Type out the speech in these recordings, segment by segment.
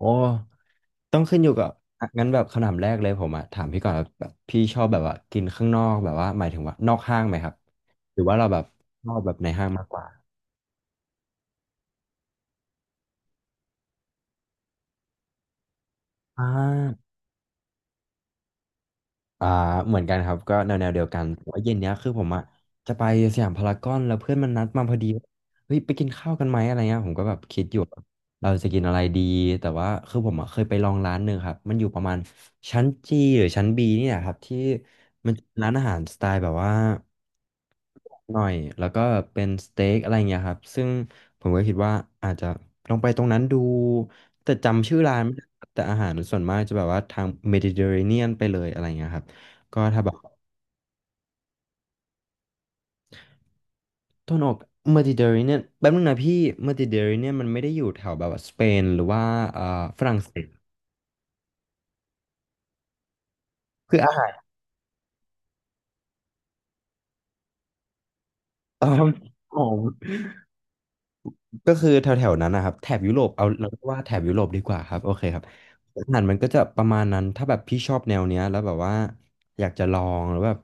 โอ้ ต้องขึ้นอยู่กับอ่ะงั้นแบบคำถามแรกเลยผมอะถามพี่ก่อนแบบพี่ชอบแบบว่ากินข้างนอกแบบว่าหมายถึงว่านอกห้างไหมครับ หรือว่าเราแบบชอบแบบในห้างมากกว่าอ่า อ่าเหมือนกันครับก็แนวเดียวกันแต่ว่าเย็นเนี้ยคือผมอ่ะจะไปสยามพารากอนแล้วเพื่อนมันนัดมาพอดีว่าเฮ้ยไปกินข้าวกันไหมอะไรเงี้ยผมก็แบบคิดอยู่ว่าเราจะกินอะไรดีแต่ว่าคือผมอ่ะเคยไปลองร้านหนึ่งครับมันอยู่ประมาณชั้นจีหรือชั้นบีนี่แหละครับที่มันจะเป็นร้านอาหารสไตล์แบบว่าหน่อยแล้วก็เป็นสเต็กอะไรเงี้ยครับซึ่งผมก็คิดว่าอาจจะลองไปตรงนั้นดูแต่จำชื่อร้านไม่ได้ครับแต่อาหารส่วนมากจะแบบว่าทางเมดิเตอร์เรเนียนไปเลยอะไรเงี้ยครับ ก็ถ้าแบบตะวันออกเมดิเตอร์เรเนียนแป๊บนึงนะพี่เมดิเตอร์เรเนียนมันไม่ได้อยู่แถวแบบว่าสเปนหรือว่าเอ่อฝรั่งเศสคืออาหาร อ๋อก็คือแถวแถวนั้นนะครับแถบยุโรปเอาเราเรียกว่าแถบยุโรปดีกว่าครับโอเคครับอาหารมันก็จะประมาณนั้นถ้าแบบพี่ชอบแนวเนี้ยแล้วแบบว่าอยากจะลองหรือแบบ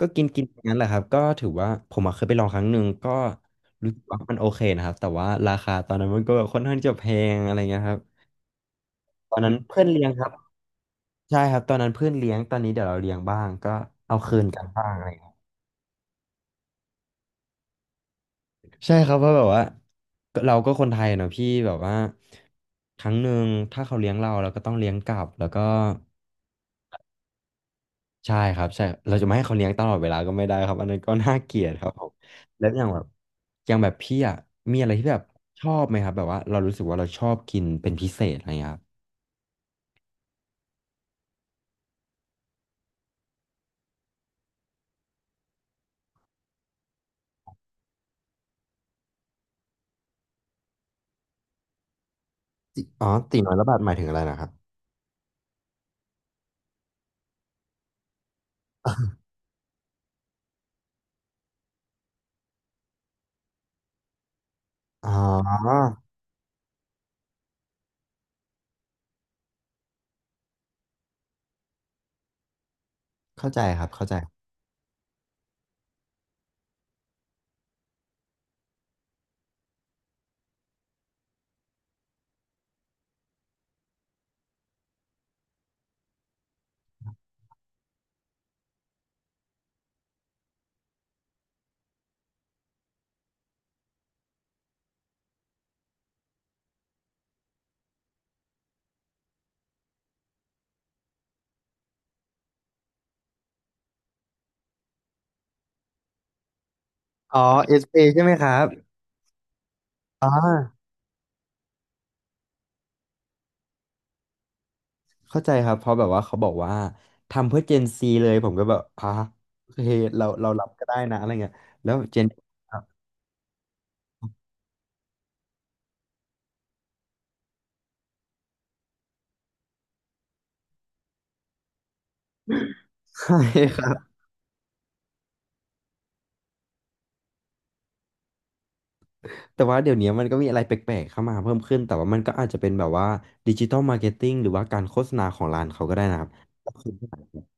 ก็กินกินอย่างนั้นแหละครับก็ถือว่าผมอะเคยไปลองครั้งหนึ่งก็รู้สึกว่ามันโอเคนะครับแต่ว่าราคาตอนนั้นมันก็แบบค่อนข้างจะแพงอะไรเงี้ยครับตอนนั้นเพื่อนเลี้ยงครับ ใช่ครับตอนนั้นเพื่อนเลี้ยงตอนนี้เดี๋ยวเราเลี้ยงบ้างก็เอาคืนกันบ้างอะไรอย่างเงี้ยใช่ครับเพราะแบบว่าก็เราก็คนไทยเนาะพี่แบบว่าครั้งหนึ่งถ้าเขาเลี้ยงเราเราก็ต้องเลี้ยงกลับแล้วก็ใช่ครับใช่เราจะไม่ให้เขาเลี้ยงตลอดเวลาก็ไม่ได้ครับอันนั้นก็น่าเกลียดครับผมแล้วอย่างแบบอย่างแบบพี่อ่ะมีอะไรที่แบบชอบไหมครับแบบว่าเรารู้สึกว่าเราชอบกินเป็นพิเศษอะไรอย่างเงี้ยครับติอ๋อตีน้อยละบาทหมายถึงอะไรนะครับอ๋อเข้าใจครับเข้าใจอ๋อเอสเอใช่ไหมครับอ๋อ เข้าใจครับเพราะแบบว่าเขาบอกว่าทำเพื่อเจนซีเลยผมก็แบบอ่ะเอเคเรารับก็ได้นะอะไรเงี้ยแล้วเจนครับ ใช่ครับแต่ว่าเดี๋ยวนี้มันก็มีอะไรแปลกๆเข้ามาเพิ่มขึ้นแต่ว่ามันก็อาจจะเป็นแบบว่าดิจิ t a ลมาร์เก็ตติ้งหรือว่าการโฆษณาของร้านเขาก็ได้นะครับก็คือ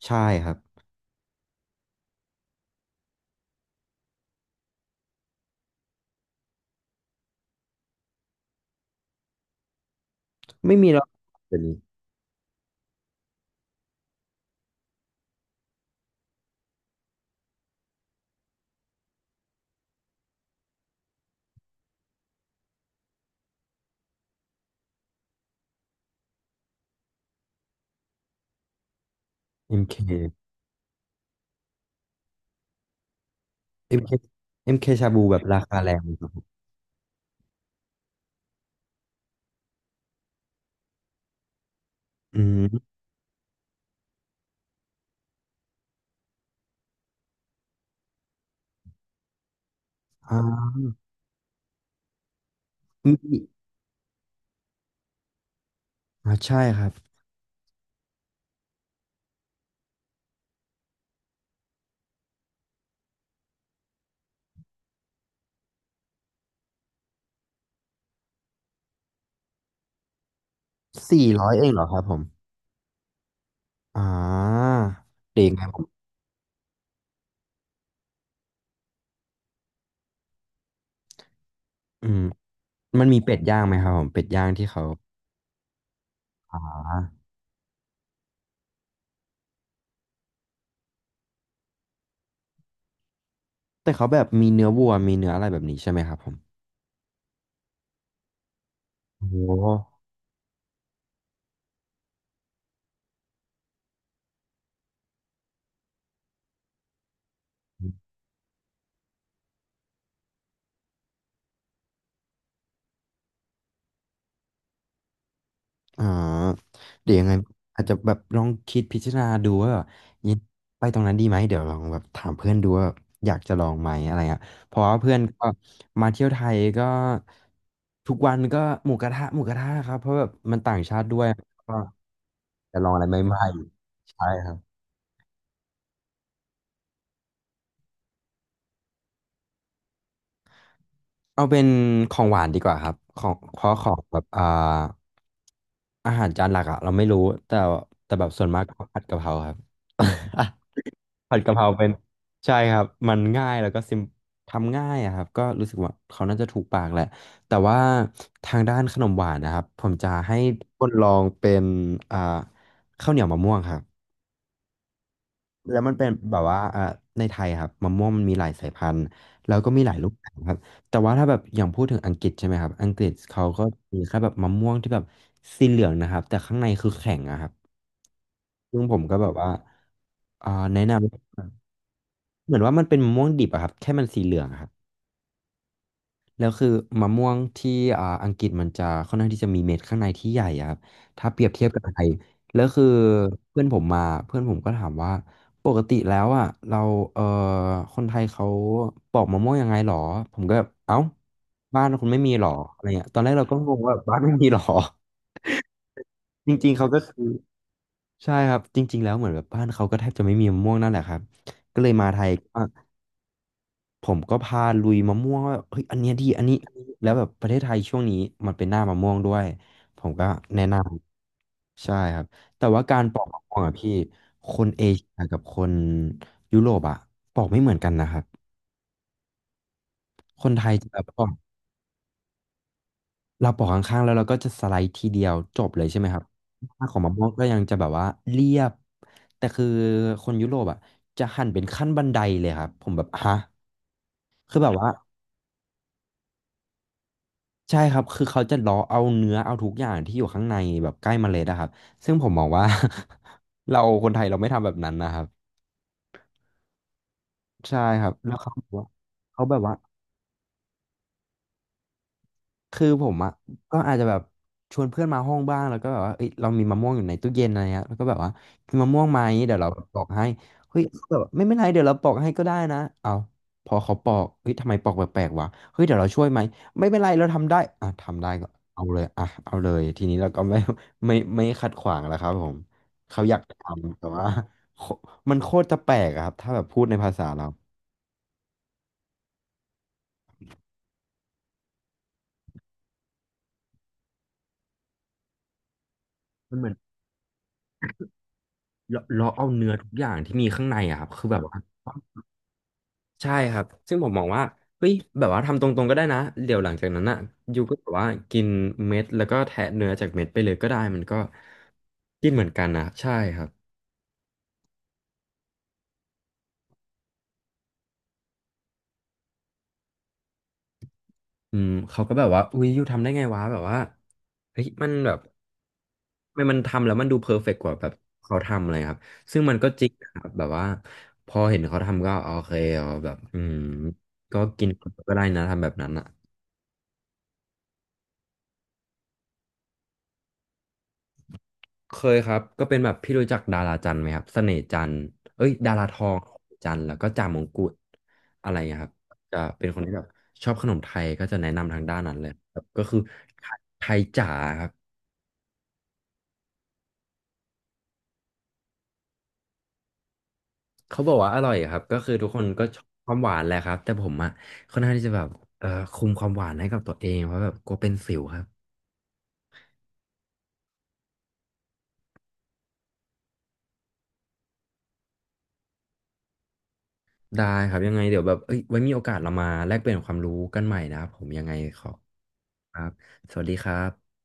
ใช่ครับไม่มีแล้วเดี๋ยวนี้เ k ็ k เคเอ็มเคเอ็มเคชาบูแบบราคาแรงไหมครับผมอืมอ่ามีอ่าใช่ครับสี่ร้อยเองเหรอครับผมอ่าเด็กไงผมอืม มันมีเป็ดย่างไหมครับผมเป็ดย่างที่เขาอ่าแต่เขาแบบมีเนื้อวัวมีเนื้ออะไรแบบนี้ใช่ไหมครับผมโอ้โหอ่าเดี๋ยวยังไงอาจจะแบบลองคิดพิจารณาดูว่าแบบยังไปตรงนั้นดีไหมเดี๋ยวลองแบบถามเพื่อนดูว่าอยากจะลองไหมอะไรเงี้ยเพราะว่าเพื่อนก็มาเที่ยวไทยก็ทุกวันก็หมูกระทะครับเพราะแบบมันต่างชาติด้วยก็จะลองอะไรใหม่ๆใช่ครับ เอาเป็นของหวานดีกว่าครับของเพราะของแบบอ่าอาหารจานหลักอะเราไม่รู้แต่แต่แบบส่วนมากก็ผัดกะเพราครับ ผัดกะเพราเป็นใช่ครับมันง่ายแล้วก็ซิมทำง่ายอะครับก็รู้สึกว่าเขาน่าจะถูกปากแหละแต่ว่าทางด้านขนมหวานนะครับผมจะให้คนลองเป็นอ่าข้าวเหนียวมะม่วงครับ แล้วมันเป็นแบบว่าอ่าในไทยครับมะม่วงมันมีหลายสายพันธุ์แล้วก็มีหลายรูปแบบครับแต่ว่าถ้าแบบอย่างพูดถึงอังกฤษใช่ไหมครับอังกฤษเขาก็มีแค่แบบมะม่วงที่แบบสีเหลืองนะครับแต่ข้างในคือแข็งอะครับซึ่งผมก็แบบว่าอ่าแนะนำเหมือนว่ามันเป็นมะม่วงดิบอะครับแค่มันสีเหลืองอะครับ แล้วคือมะม่วงที่อังกฤษมันจะค่อนข้างที่จะมีเม็ดข้างในที่ใหญ่อะครับถ้าเปรียบเทียบกับไทยแล้วคือเพื่อนผมมาเพื่อนผมก็ถามว่าปกติแล้วอ่ะเราเออคนไทยเขาปอกมะม่วงยังไงหรอผมก็แบบเอ้าบ้านคุณไม่มีหรออะไรเงี้ยตอนแรกเราก็งงว่าบ้านไม่มีหรอ จริงๆเขาก็คือใช่ครับจริงๆแล้วเหมือนแบบบ้านเขาก็แทบจะไม่มีมะม่วงนั่นแหละครับก็เลยมาไทย ผมก็พาลุยมะม่วงว่าเฮ้ยอันเนี้ยดีอันนี้แล้วแบบประเทศไทยช่วงนี้มันเป็นหน้ามะม่วงด้วยผมก็แนะนำใช่ครับแต่ว่าการปอกมะม่วงอะพี่คนเอเชียกับคนยุโรปอะปอกไม่เหมือนกันนะครับคนไทยจะแบบปอกเราปอกข้างๆแล้วเราก็จะสไลด์ทีเดียวจบเลยใช่ไหมครับหน้าของมะม่วงก็ยังจะแบบว่าเรียบแต่คือคนยุโรปอะจะหั่นเป็นขั้นบันไดเลยครับผมแบบฮะคือแบบว่า ใช่ครับ คือเขาจะเลาะเอาเนื้อเอาทุกอย่างที่อยู่ข้างในแบบใกล้เมล็ดอะครับ ซึ่งผมมองว่า เราคนไทยเราไม่ทำแบบนั้นนะครับ ใช่ครับ แล้วเขาบอกว่าเขาแบบว่า คือผมอ่ะก็อาจจะแบบชวนเพื่อนมาห้องบ้างแล้วก็แบบว่าเอ้ยเรามีมะม่วงอยู่ในตู้เย็นอะไรเงี้ยแล้วก็แบบว่ากินมะม่วงไหมเดี๋ยวเราปอกให้เฮ้ยเขาแบบไม่เป็นไรเดี๋ยวเราปอกให้ก็ได้นะเอาพอเขาปอกเฮ้ยทำไมปอกแปลกๆวะเฮ้ยเดี๋ยวเราช่วยไหมไม่เป็นไรเราทำได้อ่ะทำได้ก็เอาเลยอ่ะเอาเลยทีนี้เราก็ไม่ ไม่ขัดขวางแล้วครับผมเขาอยากทำแต่ว่าโคมันโคตรจะแปลกอะครับถ้าแบบพูดในภาษาเรามันเหมือนเราเอาเนื้อทุกอย่างที่มีข้างในอะครับคือแบบว่า ใช่ครับซึ่งผมมองว่าเฮ้ยแบบว่าทำตรงๆก็ได้นะเดี๋ยวหลังจากนั้นอ่ะยูก็แบบว่ากินเม็ดแล้วก็แทะเนื้อจากเม็ดไปเลยก็ได้มันก็กินเหมือนกันนะใช่ครับอืมเขาก็แบบว่าอุ้ยยูทำได้ไงวะแบบว่าเฮ้ยมันแบบทำไมมันทำแล้วมันดูเพอร์เฟกต์กว่าแบบเขาทำอะไรครับซึ่งมันก็จริงนะครับแบบว่าพอเห็นเขาทำก็โอเคเอาแบบอืมก็กินก็ได้นะทำแบบนั้นอ่ะ เคยครับก็เป็นแบบพี่รู้จักดาราจันทร์ไหมครับเสน่ห์จันทร์เอ้ยดาราทองจันทร์แล้วก็จ่ามงกุฎอะไรอย่างเงี้ยครับจะเป็นคนที่แบบชอบขนมไทยก็จะแนะนำทางด้านนั้นเลยครับก็คือไทยไทยจ๋าครับเขาบอกว่าอร่อยครับก็คือทุกคนก็ชอบความหวานแหละครับแต่ผมอะค่อนข้างที่จะแบบเอ่อคุมความหวานให้กับตัวเองเพราะแบบกลัวเป็นสิวครับได้ครับยังไงเดี๋ยวแบบเอ้ยไว้มีโอกาสเรามาแลกเปลี่ยนความรู้กันใหม่นะครับผมยังไงขอครับสวัสดีครับ